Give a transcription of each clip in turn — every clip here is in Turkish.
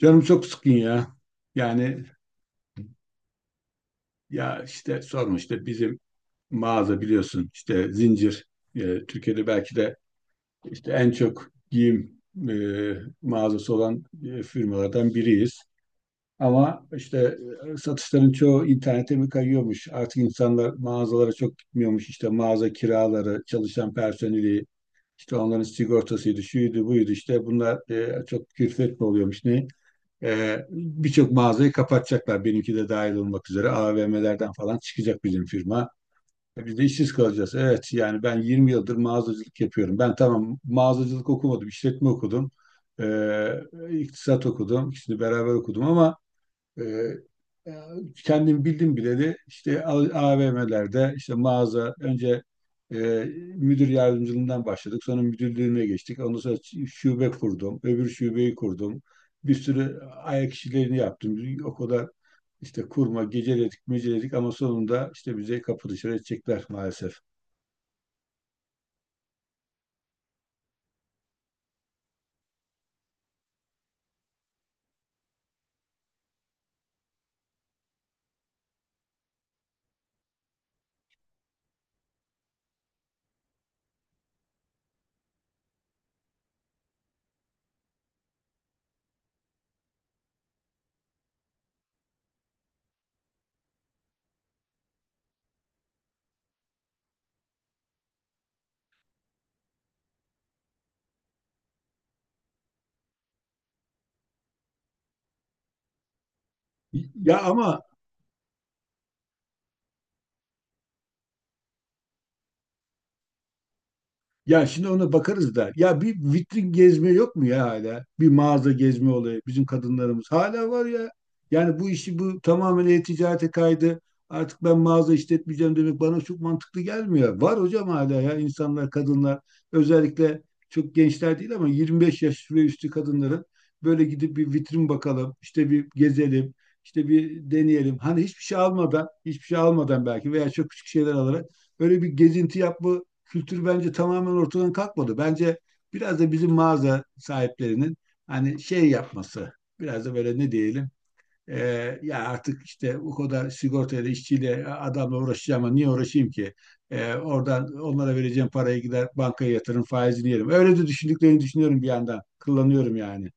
Canım çok sıkın ya. Yani ya işte sorma işte bizim mağaza biliyorsun işte zincir e, Türkiye'de belki de işte en çok giyim e, mağazası olan firmalardan biriyiz. Ama işte satışların çoğu internete mi kayıyormuş? Artık insanlar mağazalara çok gitmiyormuş. İşte mağaza kiraları, çalışan personeli, işte onların sigortasıydı, şuydu, buydu işte bunlar çok külfet mi oluyormuş ne? Birçok mağazayı kapatacaklar. Benimki de dahil olmak üzere AVM'lerden falan çıkacak bizim firma. Biz de işsiz kalacağız. Evet yani ben 20 yıldır mağazacılık yapıyorum. Ben tamam mağazacılık okumadım, işletme okudum. Ee, iktisat okudum. İkisini beraber okudum ama ee, e, kendim bildim bileli işte AVM'lerde işte mağaza önce e, müdür yardımcılığından başladık. Sonra müdürlüğüne geçtik. Ondan sonra şube kurdum. Öbür şubeyi kurdum. Bir sürü ayak işlerini yaptım. O kadar işte kurma, geceledik, meceledik ama sonunda işte bize kapı dışarı edecekler maalesef. Ya ama Ya şimdi ona bakarız da. Ya bir vitrin gezme yok mu ya hala? Bir mağaza gezme olayı bizim kadınlarımız. Hala var ya. Yani bu işi bu tamamen e-ticarete kaydı. Artık ben mağaza işletmeyeceğim demek bana çok mantıklı gelmiyor. Var hocam hala ya insanlar, kadınlar özellikle çok gençler değil ama 25 yaş ve üstü kadınların böyle gidip bir vitrin bakalım, işte bir gezelim, işte bir deneyelim. Hani hiçbir şey almadan, hiçbir şey almadan belki veya çok küçük şeyler alarak böyle bir gezinti yapma kültür bence tamamen ortadan kalkmadı. Bence biraz da bizim mağaza sahiplerinin hani şey yapması, biraz da böyle ne diyelim, e, ya artık işte o kadar sigortayla, işçiyle, adamla uğraşacağım ama niye uğraşayım ki? Oradan onlara vereceğim parayı gider bankaya yatırım faizini yerim. Öyle de düşündüklerini düşünüyorum bir yandan. Kullanıyorum yani.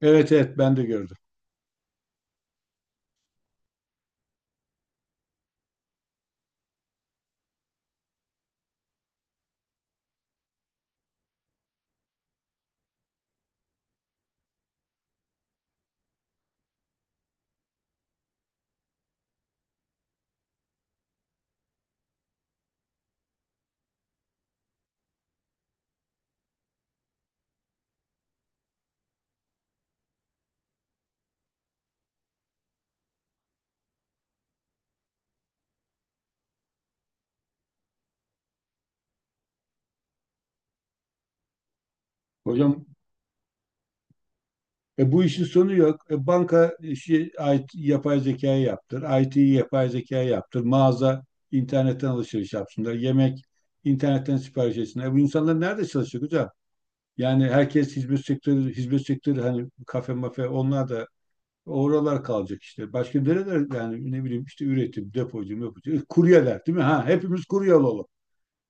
Evet evet ben de gördüm. Hocam, bu işin sonu yok. Banka işi IT, yapay zekaya yaptır. IT'yi yapay zekaya yaptır. Mağaza internetten alışveriş yapsınlar. Yemek internetten sipariş etsinler. Bu insanlar nerede çalışacak hocam? Yani herkes hizmet sektörü, hizmet sektörü hani kafe mafe onlar da oralar kalacak işte. Başka nereler yani ne bileyim işte üretim, depocu, mepocu. Kuryeler değil mi? Ha hepimiz kurye olalım.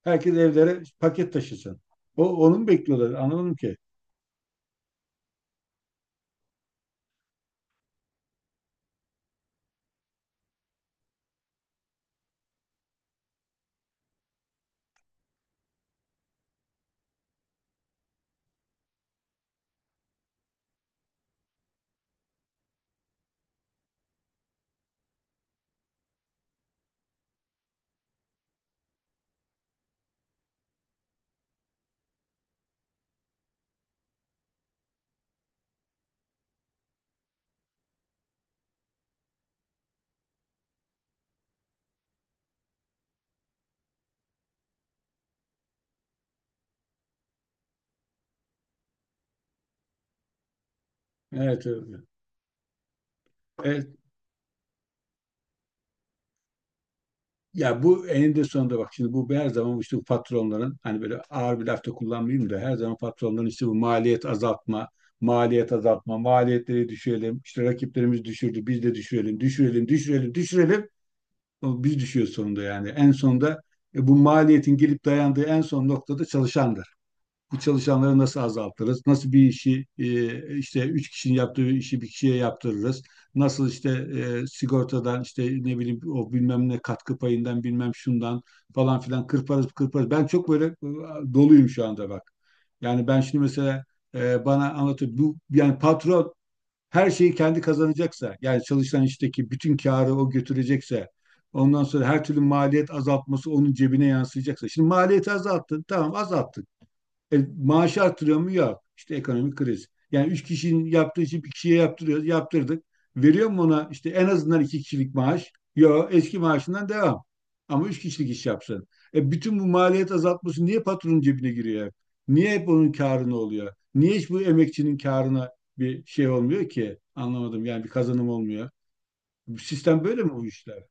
Herkes evlere paket taşısın. Onu mu bekliyorlar? Anlamadım ki. Evet. Evet. E, Ya bu eninde sonunda bak şimdi bu her zaman işte bu patronların hani böyle ağır bir lafta kullanmayayım da her zaman patronların işte bu maliyet azaltma, maliyet azaltma, maliyetleri düşürelim, işte rakiplerimiz düşürdü biz de düşürelim, düşürelim, düşürelim, düşürelim. Ama biz düşüyoruz sonunda yani. En sonunda bu maliyetin gelip dayandığı en son noktada çalışan bu çalışanları nasıl azaltırız? Nasıl bir işi işte üç kişinin yaptığı işi bir kişiye yaptırırız? Nasıl işte sigortadan işte ne bileyim o bilmem ne katkı payından bilmem şundan falan filan kırparız kırparız. Ben çok böyle doluyum şu anda bak. Yani ben şimdi mesela bana anlatıyor bu yani patron her şeyi kendi kazanacaksa yani çalışan işteki bütün karı o götürecekse ondan sonra her türlü maliyet azaltması onun cebine yansıyacaksa. Şimdi maliyeti azalttın tamam azalttın. Maaş artırıyor mu? Yok. İşte ekonomik kriz. Yani üç kişinin yaptığı işi bir kişiye yaptırıyoruz. Yaptırdık. Veriyor mu ona işte en azından iki kişilik maaş? Yok. Eski maaşından devam. Ama üç kişilik iş yapsın. Bütün bu maliyet azaltması niye patronun cebine giriyor? Niye hep onun karına oluyor? Niye hiç bu emekçinin karına bir şey olmuyor ki? Anlamadım yani bir kazanım olmuyor. Bu sistem böyle mi bu işler?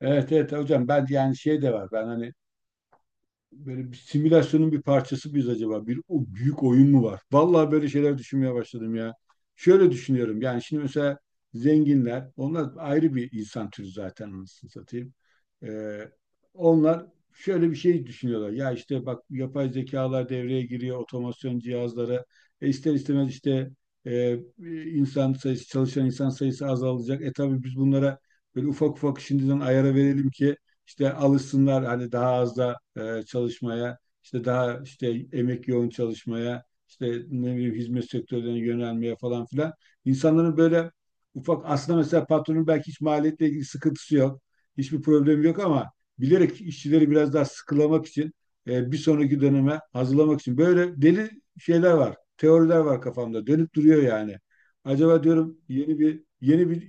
Evet evet hocam, ben yani şey de var. Ben hani böyle bir simülasyonun bir parçası mıyız acaba? Bir o büyük oyun mu var? Vallahi böyle şeyler düşünmeye başladım ya. Şöyle düşünüyorum. Yani şimdi mesela zenginler, onlar ayrı bir insan türü zaten anasını satayım. Ee, onlar şöyle bir şey düşünüyorlar. Ya işte bak yapay zekalar devreye giriyor, otomasyon cihazları. İster istemez işte e, insan sayısı, çalışan insan sayısı azalacak. Tabii biz bunlara böyle ufak ufak şimdiden ayara verelim ki işte alışsınlar hani daha az da çalışmaya, işte daha işte emek yoğun çalışmaya, işte ne bileyim hizmet sektörlerine yönelmeye falan filan. İnsanların böyle ufak aslında mesela patronun belki hiç maliyetle ilgili sıkıntısı yok, hiçbir problemi yok ama bilerek işçileri biraz daha sıkılamak için bir sonraki döneme hazırlamak için böyle deli şeyler var, teoriler var kafamda dönüp duruyor yani. Acaba diyorum yeni bir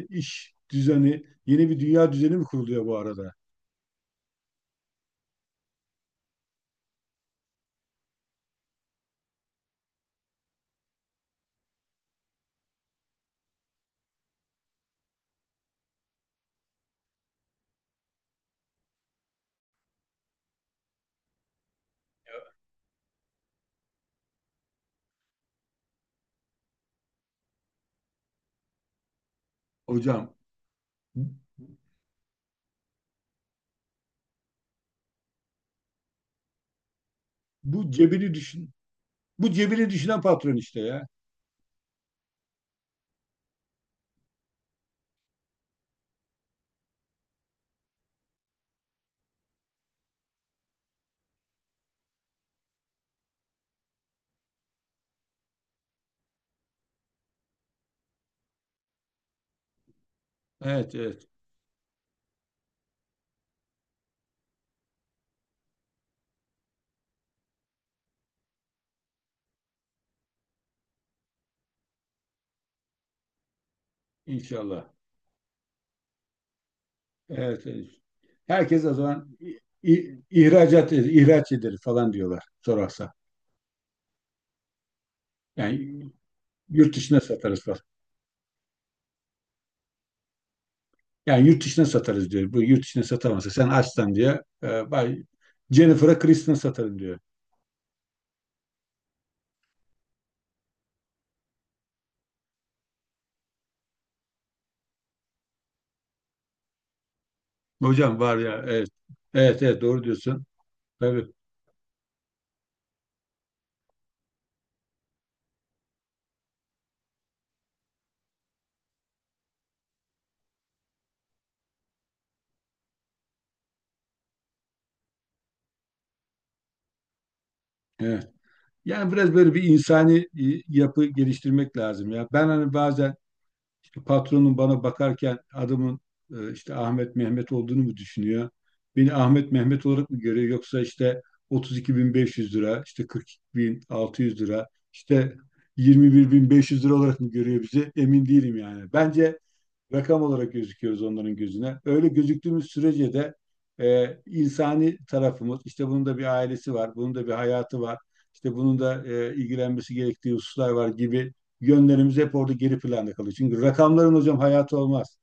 iş düzeni. Yeni bir dünya düzeni mi kuruluyor bu arada? Hocam, bu cebini düşün bu cebini düşünen patron işte ya. Evet evet inşallah. Evet, evet. Herkes o zaman ihraç ederiz falan diyorlar sorarsa. Yani yurt dışına satarız falan. Yani yurt dışına satarız diyor. Bu yurt dışına satamazsa sen açsan diye bay Jennifer'a Kristen satarım diyor. Hocam var ya evet. Evet evet doğru diyorsun. Tabii. Evet. Yani biraz böyle bir insani yapı geliştirmek lazım ya. Ben hani bazen işte patronum bana bakarken adamın işte Ahmet Mehmet olduğunu mu düşünüyor? Beni Ahmet Mehmet olarak mı görüyor yoksa işte 32.500 lira, işte 42.600 lira, işte 21.500 lira olarak mı görüyor bizi? Emin değilim yani. Bence rakam olarak gözüküyoruz onların gözüne. Öyle gözüktüğümüz sürece de insani tarafımız, işte bunun da bir ailesi var, bunun da bir hayatı var, işte bunun da ilgilenmesi gerektiği hususlar var gibi yönlerimiz hep orada geri planda kalıyor. Çünkü rakamların hocam hayatı olmaz.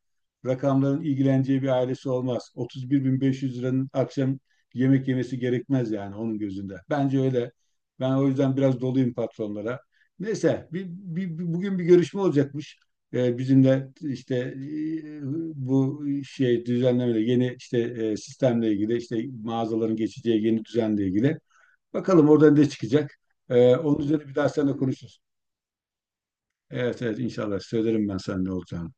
Rakamların ilgileneceği bir ailesi olmaz. 31.500 liranın akşam yemek yemesi gerekmez yani onun gözünde. Bence öyle. Ben o yüzden biraz doluyum patronlara. Neyse, bugün bir görüşme olacakmış. Bizim de işte bu şey düzenlemeyle yeni işte sistemle ilgili işte mağazaların geçeceği yeni düzenle ilgili. Bakalım oradan ne çıkacak. Onun üzerine bir daha seninle konuşuruz. Evet evet inşallah söylerim ben sana ne olacağını.